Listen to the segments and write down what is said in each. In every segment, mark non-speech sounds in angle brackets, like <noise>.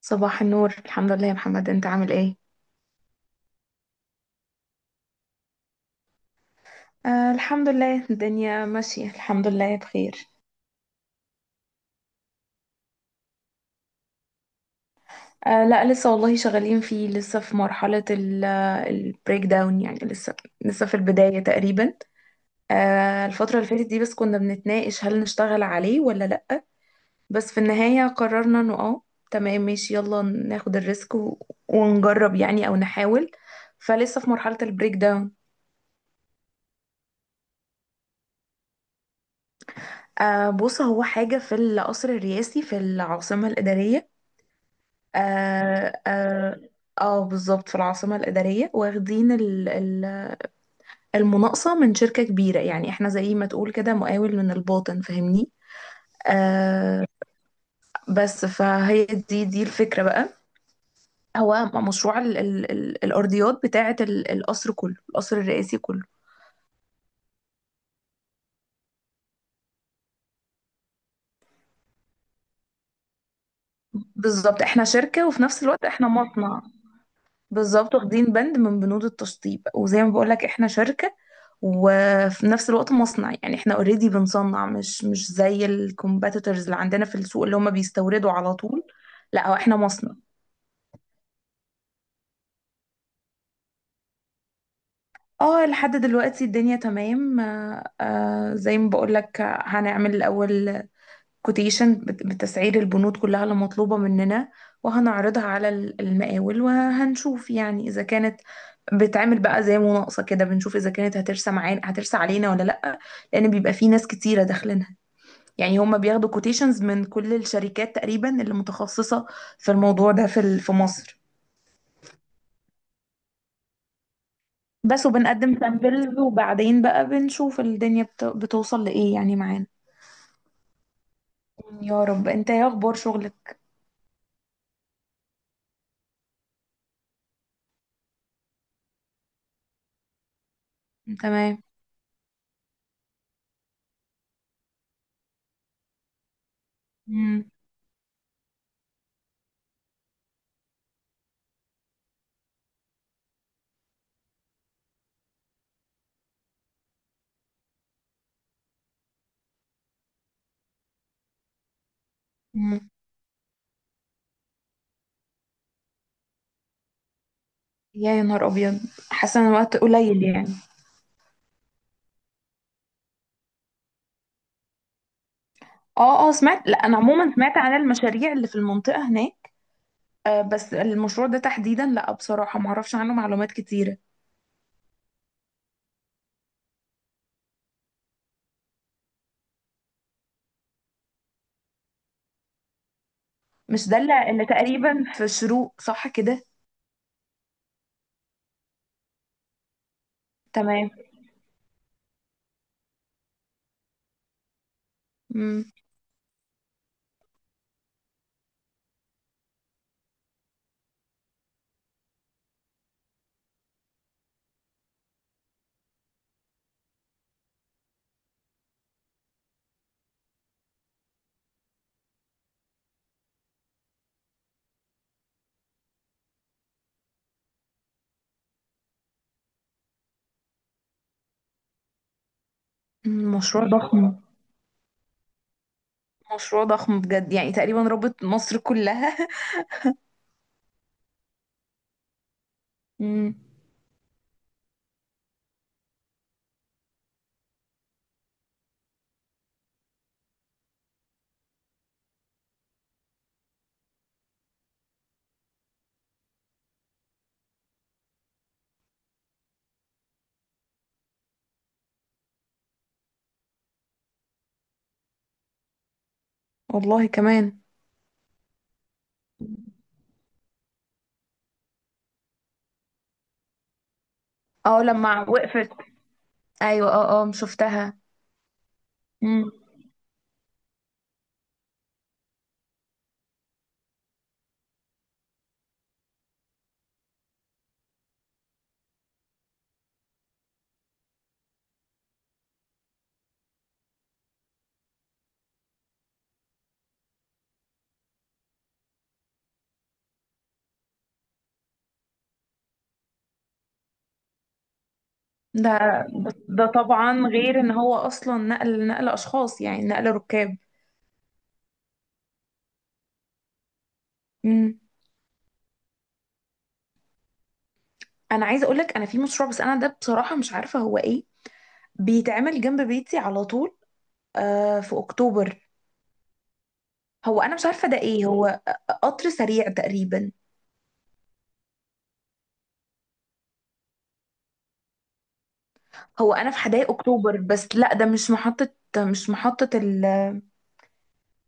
صباح النور، الحمد لله يا محمد. انت عامل ايه؟ آه، الحمد لله، الدنيا ماشية، الحمد لله بخير. آه لا، لسه والله، شغالين فيه، لسه في مرحلة البريك داون، يعني لسه في البداية تقريبا. آه، الفترة اللي فاتت دي بس كنا بنتناقش، هل نشتغل عليه ولا لا. بس في النهاية قررنا انه تمام، ماشي، يلا ناخد الريسك ونجرب يعني، او نحاول، فلسه في مرحلة البريك داون. آه، بص، هو حاجة في القصر الرئاسي في العاصمة الإدارية. اه، اه. آه، بالظبط، في العاصمة الإدارية واخدين المناقصة من شركة كبيرة، يعني احنا زي ما تقول كده مقاول من الباطن، فاهمني؟ آه، بس فهي دي الفكرة بقى. هو مشروع ال ال ال الأرضيات بتاعة القصر كله، القصر الرئاسي كله. بالظبط، احنا شركة وفي نفس الوقت احنا مصنع. بالظبط، واخدين بند من بنود التشطيب، وزي ما بقولك احنا شركة وفي نفس الوقت مصنع، يعني احنا اوريدي بنصنع، مش زي الكومبيتيتورز اللي عندنا في السوق، اللي هم بيستوردوا على طول. لا، هو احنا مصنع. اه، لحد دلوقتي الدنيا تمام، زي ما بقولك، هنعمل الاول كوتيشن بتسعير البنود كلها اللي مطلوبة مننا، وهنعرضها على المقاول، وهنشوف يعني إذا كانت بتعمل بقى زي مناقصة كده، بنشوف إذا كانت هترسى معانا، هترسى علينا ولا لأ. لأن بيبقى في ناس كتيرة داخلينها، يعني هما بياخدوا كوتيشنز من كل الشركات تقريبا اللي متخصصة في الموضوع ده، في مصر. بس، وبنقدم سامبلز وبعدين بقى بنشوف الدنيا بتوصل لإيه يعني معانا. يا رب. انت ايه اخبار شغلك؟ تمام. مم. مم. يا نهار ابيض، حاسه ان الوقت قليل يعني. اه، اه، سمعت. لا، انا عموما سمعت عن المشاريع اللي في المنطقه هناك. آه، بس المشروع ده تحديدا لا، بصراحه ما اعرفش عنه معلومات كتيره. مش ده اللي تقريبا في شروق، صح كده؟ تمام. مم. مشروع ضخم. مشروع ضخم بجد، يعني تقريبا رابط مصر كلها. <laughs> مم. والله كمان. اه، لما وقفت، ايوه، اه، اه، شفتها. مم. ده ده طبعا غير ان هو اصلا نقل اشخاص، يعني نقل ركاب. امم انا عايزه اقول لك، انا في مشروع بس انا ده بصراحه مش عارفه هو ايه، بيتعمل جنب بيتي على طول. آه، في اكتوبر. هو انا مش عارفه ده ايه هو. قطر سريع تقريبا. هو انا في حدائق اكتوبر، بس لا، ده مش محطه. مش محطه.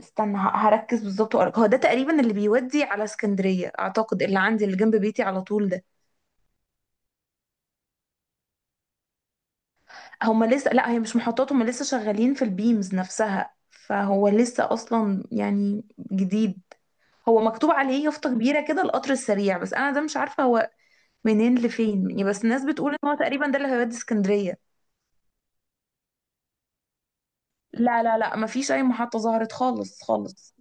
استنى، هركز بالظبط وأقولك. هو ده تقريبا اللي بيودي على اسكندريه اعتقد، اللي عندي اللي جنب بيتي على طول ده. هما لسه. لا، هي مش محطات، هما لسه شغالين في البيمز نفسها، فهو لسه اصلا يعني جديد. هو مكتوب عليه يافطة كبيرة كده، القطر السريع. بس انا ده مش عارفة هو منين لفين يعني. بس الناس بتقول ان هو تقريبا ده اللي هيودي اسكندرية. لا، لا، لا، مفيش اي محطة ظهرت، خالص خالص.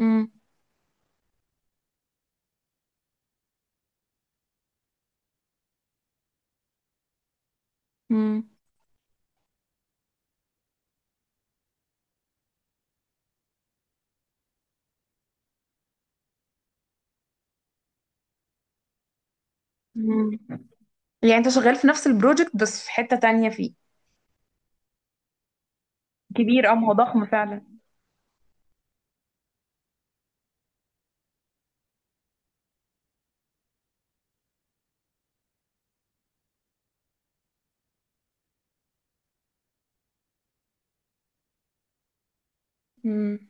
امم امم امم يعني انت شغال في نفس البروجكت، بس في حتة تانية فيه. كبير، اه، ما هو ضخم فعلا. امم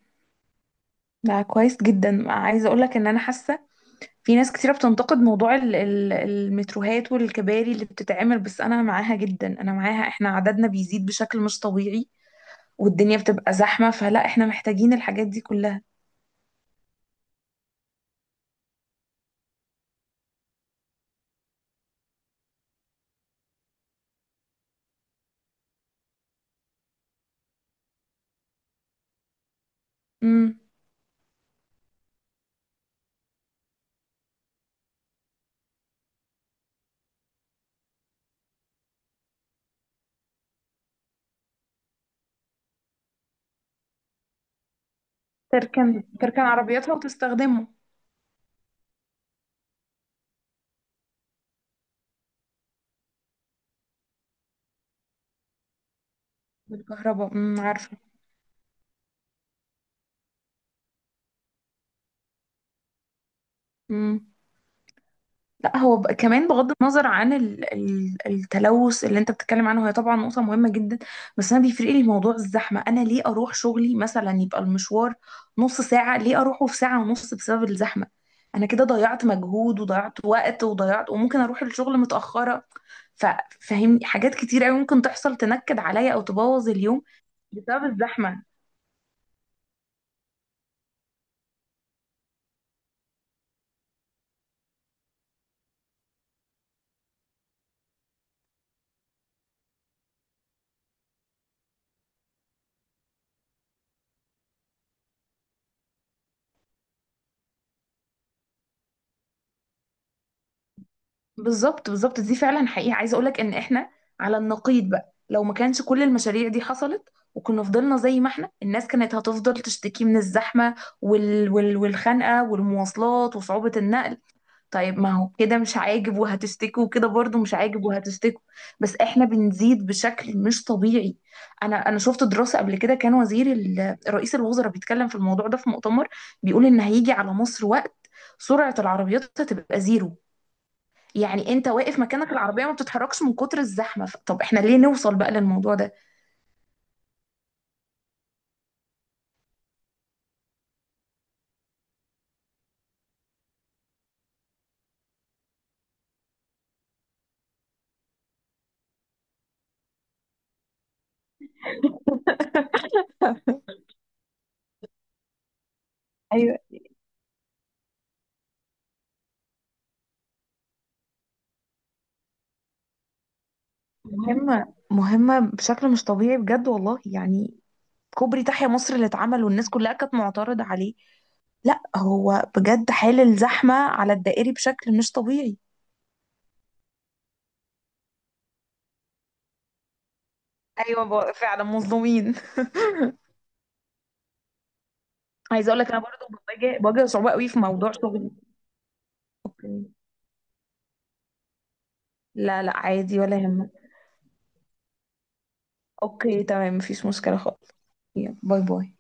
ده كويس جدا. عايزة اقول لك ان انا حاسة، في ناس كتيرة بتنتقد موضوع المتروهات والكباري اللي بتتعمل. بس أنا معاها جدا، أنا معاها. إحنا عددنا بيزيد بشكل مش طبيعي، والدنيا بتبقى زحمة، فلا، إحنا محتاجين الحاجات دي كلها. امم تركن عربياتها وتستخدمه. بالكهرباء، عارفة. لا هو كمان، بغض النظر عن التلوث اللي انت بتتكلم عنه، هي طبعا نقطة مهمة جدا. بس انا بيفرق لي موضوع الزحمة. انا ليه اروح شغلي مثلا يبقى المشوار نص ساعة، ليه اروحه في ساعة ونص بسبب الزحمة؟ انا كده ضيعت مجهود وضيعت وقت وضيعت، وممكن اروح الشغل متأخرة. ففهمني، حاجات كتير قوي ممكن تحصل تنكد عليا او تبوظ اليوم بسبب الزحمة. بالظبط، بالظبط، دي فعلا حقيقة. عايزة اقولك ان احنا على النقيض بقى، لو ما كانش كل المشاريع دي حصلت، وكنا فضلنا زي ما احنا، الناس كانت هتفضل تشتكي من الزحمة والخنقة والمواصلات وصعوبة النقل. طيب، ما هو كده مش عاجب وهتشتكوا، وكده برضو مش عاجب وهتشتكوا. بس احنا بنزيد بشكل مش طبيعي. انا شفت دراسة قبل كده، كان رئيس الوزراء بيتكلم في الموضوع ده في مؤتمر، بيقول ان هيجي على مصر وقت سرعة العربيات هتبقى زيرو، يعني انت واقف مكانك، العربية ما بتتحركش من كتر الزحمة. طب احنا ليه نوصل بقى للموضوع ده؟ <laughs> ايوه. مهمة، مهمة بشكل مش طبيعي بجد والله يعني. كوبري تحيا مصر اللي اتعمل والناس كلها كانت معترضة عليه، لا، هو بجد حال الزحمة على الدائري بشكل مش طبيعي. ايوه، فعلا مظلومين. <laughs> عايزه اقول لك، انا برضو بواجه صعوبه قوي في موضوع شغلي. اوكي. لا لا، عادي، ولا يهمك. اوكي، تمام، مفيش مشكله خالص. يلا، باي باي.